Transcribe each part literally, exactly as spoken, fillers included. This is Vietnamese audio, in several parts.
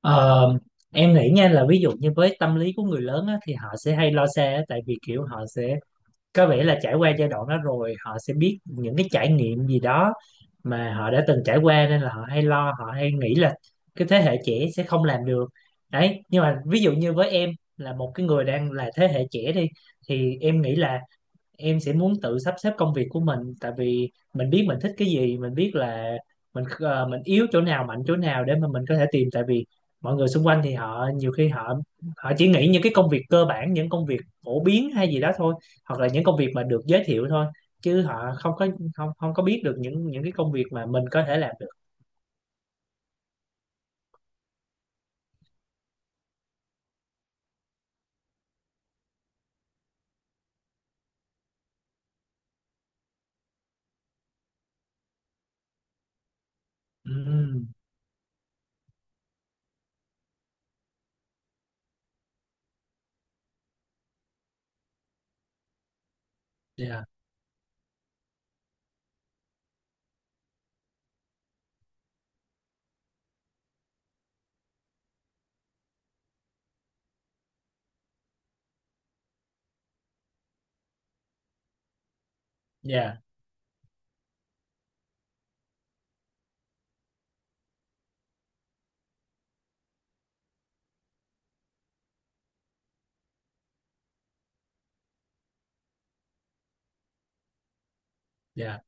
Ờ, em nghĩ nha là ví dụ như với tâm lý của người lớn á, thì họ sẽ hay lo xa á, tại vì kiểu họ sẽ có vẻ là trải qua giai đoạn đó rồi họ sẽ biết những cái trải nghiệm gì đó mà họ đã từng trải qua, nên là họ hay lo, họ hay nghĩ là cái thế hệ trẻ sẽ không làm được đấy. Nhưng mà ví dụ như với em là một cái người đang là thế hệ trẻ đi thì em nghĩ là em sẽ muốn tự sắp xếp công việc của mình, tại vì mình biết mình thích cái gì, mình biết là mình ờ, mình yếu chỗ nào mạnh chỗ nào để mà mình có thể tìm. Tại vì mọi người xung quanh thì họ nhiều khi họ họ chỉ nghĩ những cái công việc cơ bản, những công việc phổ biến hay gì đó thôi, hoặc là những công việc mà được giới thiệu thôi, chứ họ không có không không có biết được những những cái công việc mà mình có thể làm được. Ừm, dạ, dạ, dạ.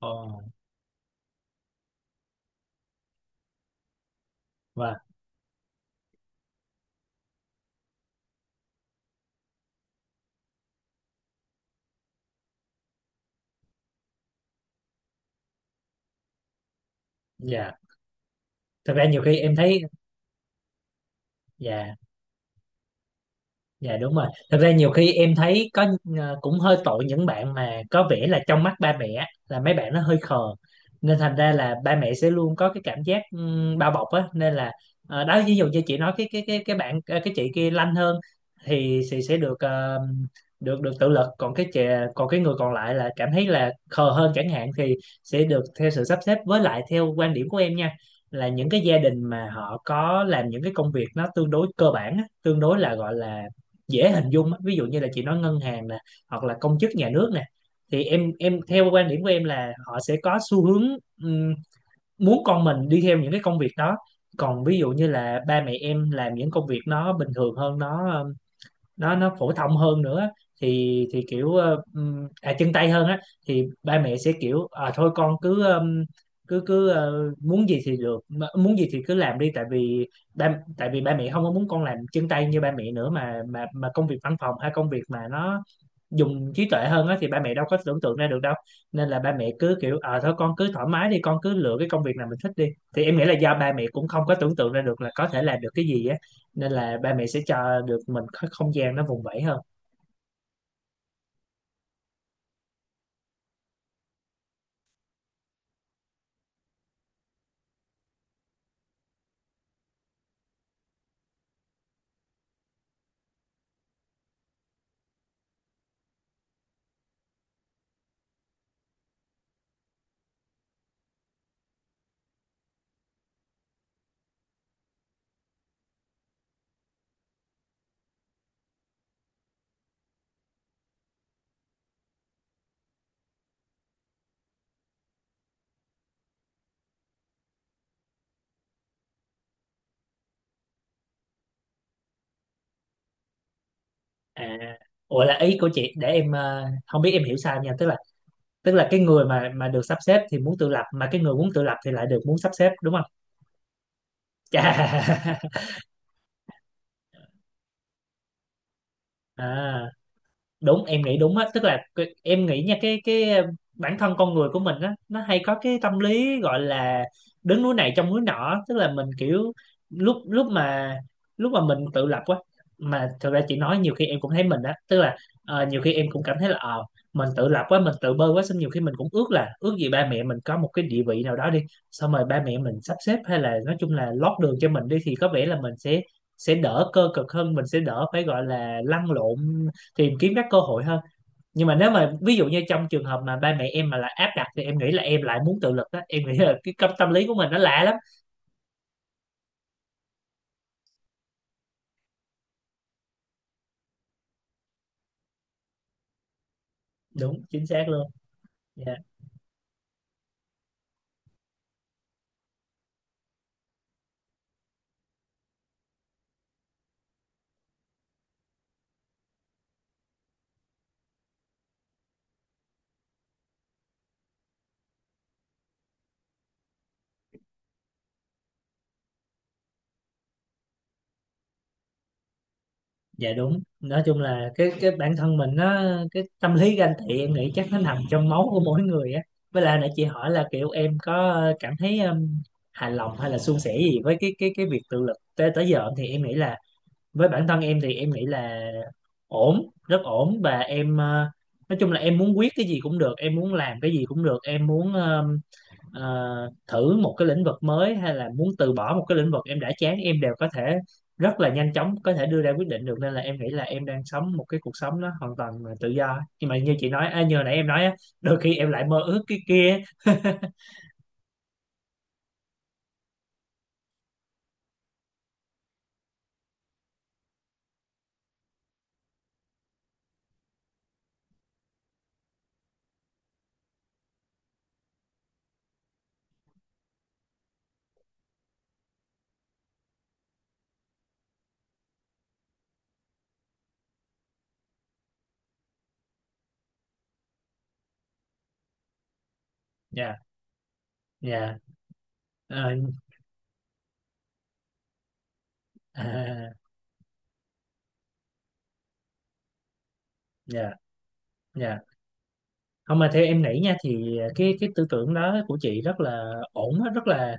Ồ. Và dạ, thật ra nhiều khi em thấy. Dạ. Dạ đúng rồi. Thật ra nhiều khi em thấy có ờ, cũng hơi tội những bạn mà có vẻ là trong mắt ba mẹ là mấy bạn nó hơi khờ. Nên thành ra là ba mẹ sẽ luôn có cái cảm giác ừm, bao bọc á, nên là ờ, đó, ví dụ như chị nói cái cái cái cái bạn ờ, cái chị kia lanh hơn, thì chị sẽ được ờ, được được tự lực, còn cái chị còn cái người còn lại là cảm thấy là khờ hơn chẳng hạn, thì sẽ được theo sự sắp xếp. Với lại theo quan điểm của em nha, là những cái gia đình mà họ có làm những cái công việc nó tương đối cơ bản á, tương đối là gọi là dễ hình dung á. Ví dụ như là chị nói ngân hàng nè, hoặc là công chức nhà nước nè, thì em em theo quan điểm của em là họ sẽ có xu hướng ừm, muốn con mình đi theo những cái công việc đó. Còn ví dụ như là ba mẹ em làm những công việc nó bình thường hơn, nó nó nó phổ thông hơn nữa, thì thì kiểu ờ, ừm, à, chân tay hơn á, thì ba mẹ sẽ kiểu, à, thôi, con cứ ừm, cứ cứ ờ, muốn gì thì được mà- muốn gì thì cứ làm đi, tại vì ba tại vì ba mẹ không có muốn con làm chân tay như ba mẹ nữa, mà mà mà công việc văn phòng hay công việc mà nó dùng trí tuệ hơn á, thì ba mẹ đâu có tưởng tượng ra được đâu. Nên là ba mẹ cứ kiểu, ờ thôi, con cứ thoải mái đi, con cứ lựa cái công việc nào mình thích đi. Thì em nghĩ là do ba mẹ cũng không có tưởng tượng ra được là có thể làm được cái gì á, nên là ba mẹ sẽ cho được mình có không gian nó vùng vẫy hơn. À, ủa, là ý của chị để em ờ, không biết em hiểu sai nha, tức là tức là cái người mà mà được sắp xếp thì muốn tự lập, mà cái người muốn tự lập thì lại được muốn sắp xếp, đúng không? Chà. À, đúng, em nghĩ đúng á, tức là cái- em nghĩ nha, cái cái ờ, bản thân con người của mình á, nó hay có cái tâm lý gọi là đứng núi này trông núi nọ, tức là mình kiểu lúc lúc mà lúc mà mình tự lập quá. Mà thật ra chị nói nhiều khi em cũng thấy mình á, tức là ờ, nhiều khi em cũng cảm thấy là ờ mình tự lập quá, mình tự bơ quá, xong nhiều khi mình cũng ước là ước gì ba mẹ mình có một cái địa vị nào đó đi, xong rồi ba mẹ mình sắp xếp, hay là nói chung là lót đường cho mình đi, thì có vẻ là mình sẽ sẽ đỡ cơ cực hơn, mình sẽ đỡ phải gọi là lăn lộn tìm kiếm các cơ hội hơn. Nhưng mà nếu mà ví dụ như trong trường hợp mà ba mẹ em mà là áp đặt, thì em nghĩ là em lại muốn tự lực đó. Em nghĩ là cái tâm tâm lý của mình nó lạ lắm. Đúng chính xác luôn. Dạ. Dạ đúng. Nói chung là cái cái bản thân mình nó, cái tâm lý ganh tị em nghĩ chắc nó nằm trong máu của mỗi người á. Với lại nãy chị hỏi là kiểu em có cảm thấy um, hài lòng hay là suôn sẻ gì với cái cái cái việc tự lực tới tới giờ, thì em nghĩ là với bản thân em thì em nghĩ là ổn, rất ổn, và em ờ, nói chung là em muốn quyết cái gì cũng được, em muốn làm cái gì cũng được, em muốn ờ, ờ, thử một cái lĩnh vực mới hay là muốn từ bỏ một cái lĩnh vực em đã chán, em đều có thể rất là nhanh chóng có thể đưa ra quyết định được, nên là em nghĩ là em đang sống một cái cuộc sống nó hoàn toàn là tự do. Nhưng mà như chị nói, à, như nãy em nói á, đôi khi em lại mơ ước cái kia. Nha, nha. ờ, À, nha, nha. Không, mà theo em nghĩ nha, thì cái cái tư tưởng đó của chị rất là ổn á, rất là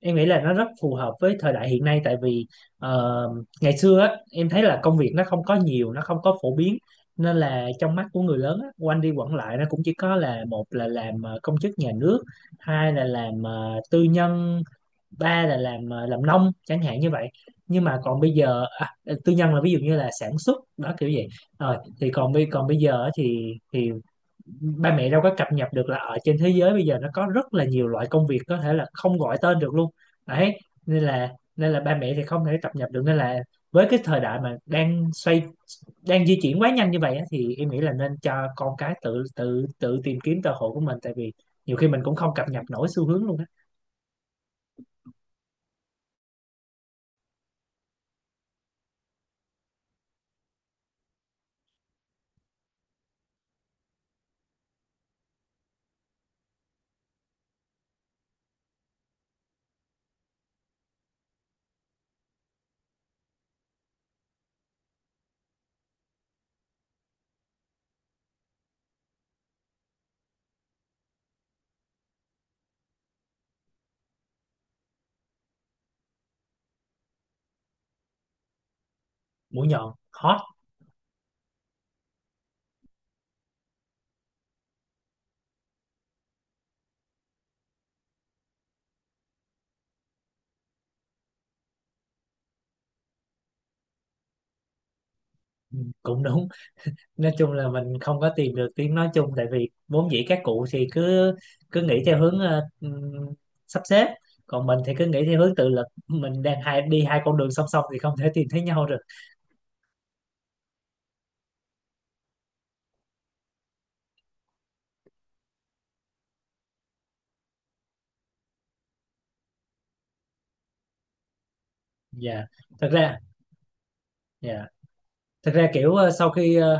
em nghĩ là nó rất phù hợp với thời đại hiện nay, tại vì ờ, ngày xưa á, em thấy là công việc nó không có nhiều, nó không có phổ biến, nên là trong mắt của người lớn á, quanh đi quẩn lại nó cũng chỉ có là: một là làm ờ, công chức nhà nước, hai là làm ờ, tư nhân, ba là làm ờ, làm nông chẳng hạn như vậy. Nhưng mà còn bây giờ, à, tư nhân là ví dụ như là sản xuất đó kiểu vậy, rồi thì còn bây còn bây giờ á, thì thì ba mẹ đâu có cập nhật được là ở trên thế giới bây giờ nó có rất là nhiều loại công việc, có thể là không gọi tên được luôn đấy. Nên là nên là ba mẹ thì không thể cập nhật được, nên là với cái thời đại mà đang xoay đang di chuyển quá nhanh như vậy á, thì em nghĩ là nên cho con cái tự tự tự tìm kiếm cơ hội của mình, tại vì nhiều khi mình cũng không cập nhật nổi xu hướng luôn á. Mũi nhọn hot. Ừ, cũng đúng. Nói chung là mình không có tìm được tiếng nói chung, tại vì vốn dĩ các cụ thì cứ cứ nghĩ theo hướng ờ, ừm, sắp xếp, còn mình thì cứ nghĩ theo hướng tự lực, mình đang hai đi hai con đường song song thì không thể tìm thấy nhau được. Dạ, thật ra. Dạ, thật ra kiểu ờ, sau khi ờ,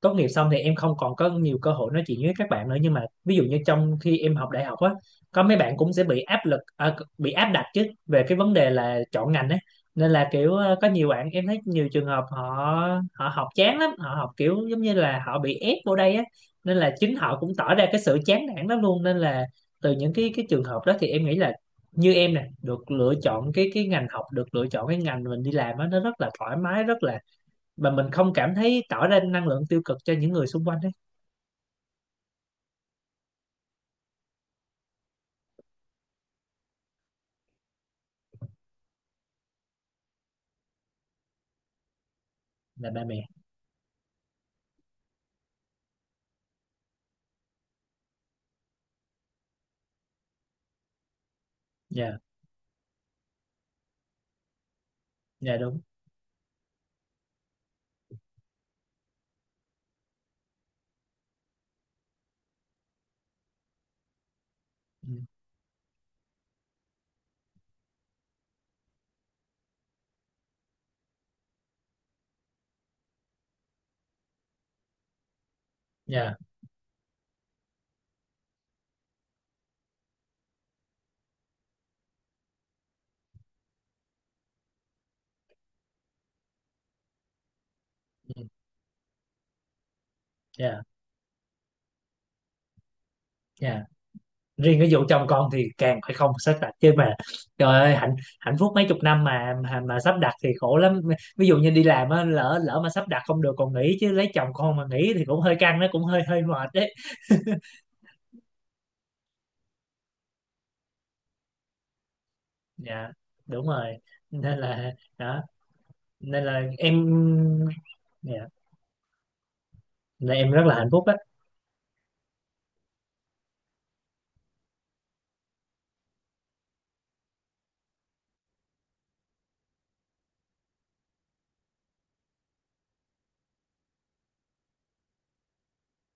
tốt nghiệp xong thì em không còn có nhiều cơ hội nói chuyện với các bạn nữa. Nhưng mà ví dụ như trong khi em học đại học á, có mấy bạn cũng sẽ bị áp lực, à, bị áp đặt chứ, về cái vấn đề là chọn ngành ấy. Nên là kiểu ờ, có nhiều bạn em thấy nhiều trường hợp họ họ học chán lắm, họ học kiểu giống như là họ bị ép vô đây á, nên là chính họ cũng tỏ ra cái sự chán nản lắm luôn. Nên là từ những cái cái trường hợp đó thì em nghĩ là như em nè, được lựa chọn cái cái ngành học, được lựa chọn cái ngành mình đi làm á, nó rất là thoải mái, rất là mà mình không cảm thấy tỏ ra năng lượng tiêu cực cho những người xung quanh ấy. Là ba mẹ. Dạ. Dạ đúng. Ừ, dạ. Ừ, dạ, dạ. Riêng cái vụ chồng con thì càng phải không sắp đặt chứ mà, trời ơi, hạnh hạnh phúc mấy chục năm mà mà, mà sắp đặt thì khổ lắm. Ví dụ như đi làm á, lỡ lỡ mà sắp đặt không được còn nghỉ chứ, lấy chồng con mà nghỉ thì cũng hơi căng, nó cũng hơi hơi mệt đấy. Dạ đúng rồi. Nên là đó, nên là em. Dạ, nên em rất là hạnh phúc á.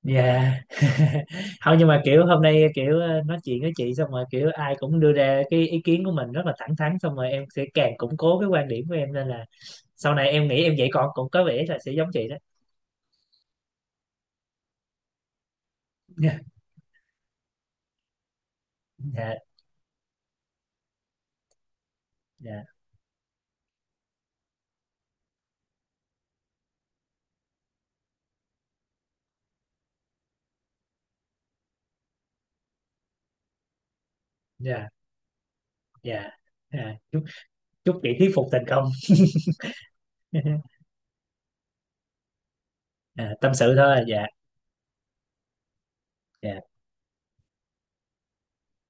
Dạ. Không, nhưng mà kiểu hôm nay kiểu ờ, nói chuyện với chị xong rồi, kiểu ai cũng đưa ra cái ý kiến của mình rất là thẳng thắn, xong rồi em sẽ càng củng cố cái quan điểm của em, nên là sau này em nghĩ em dạy con cũng có vẻ là sẽ giống chị đó. Dạ, dạ, dạ, dạ, dạ. Chúc Chúc chị thuyết phục thành công. Dạ, tâm sự thôi, dạ. Dạ.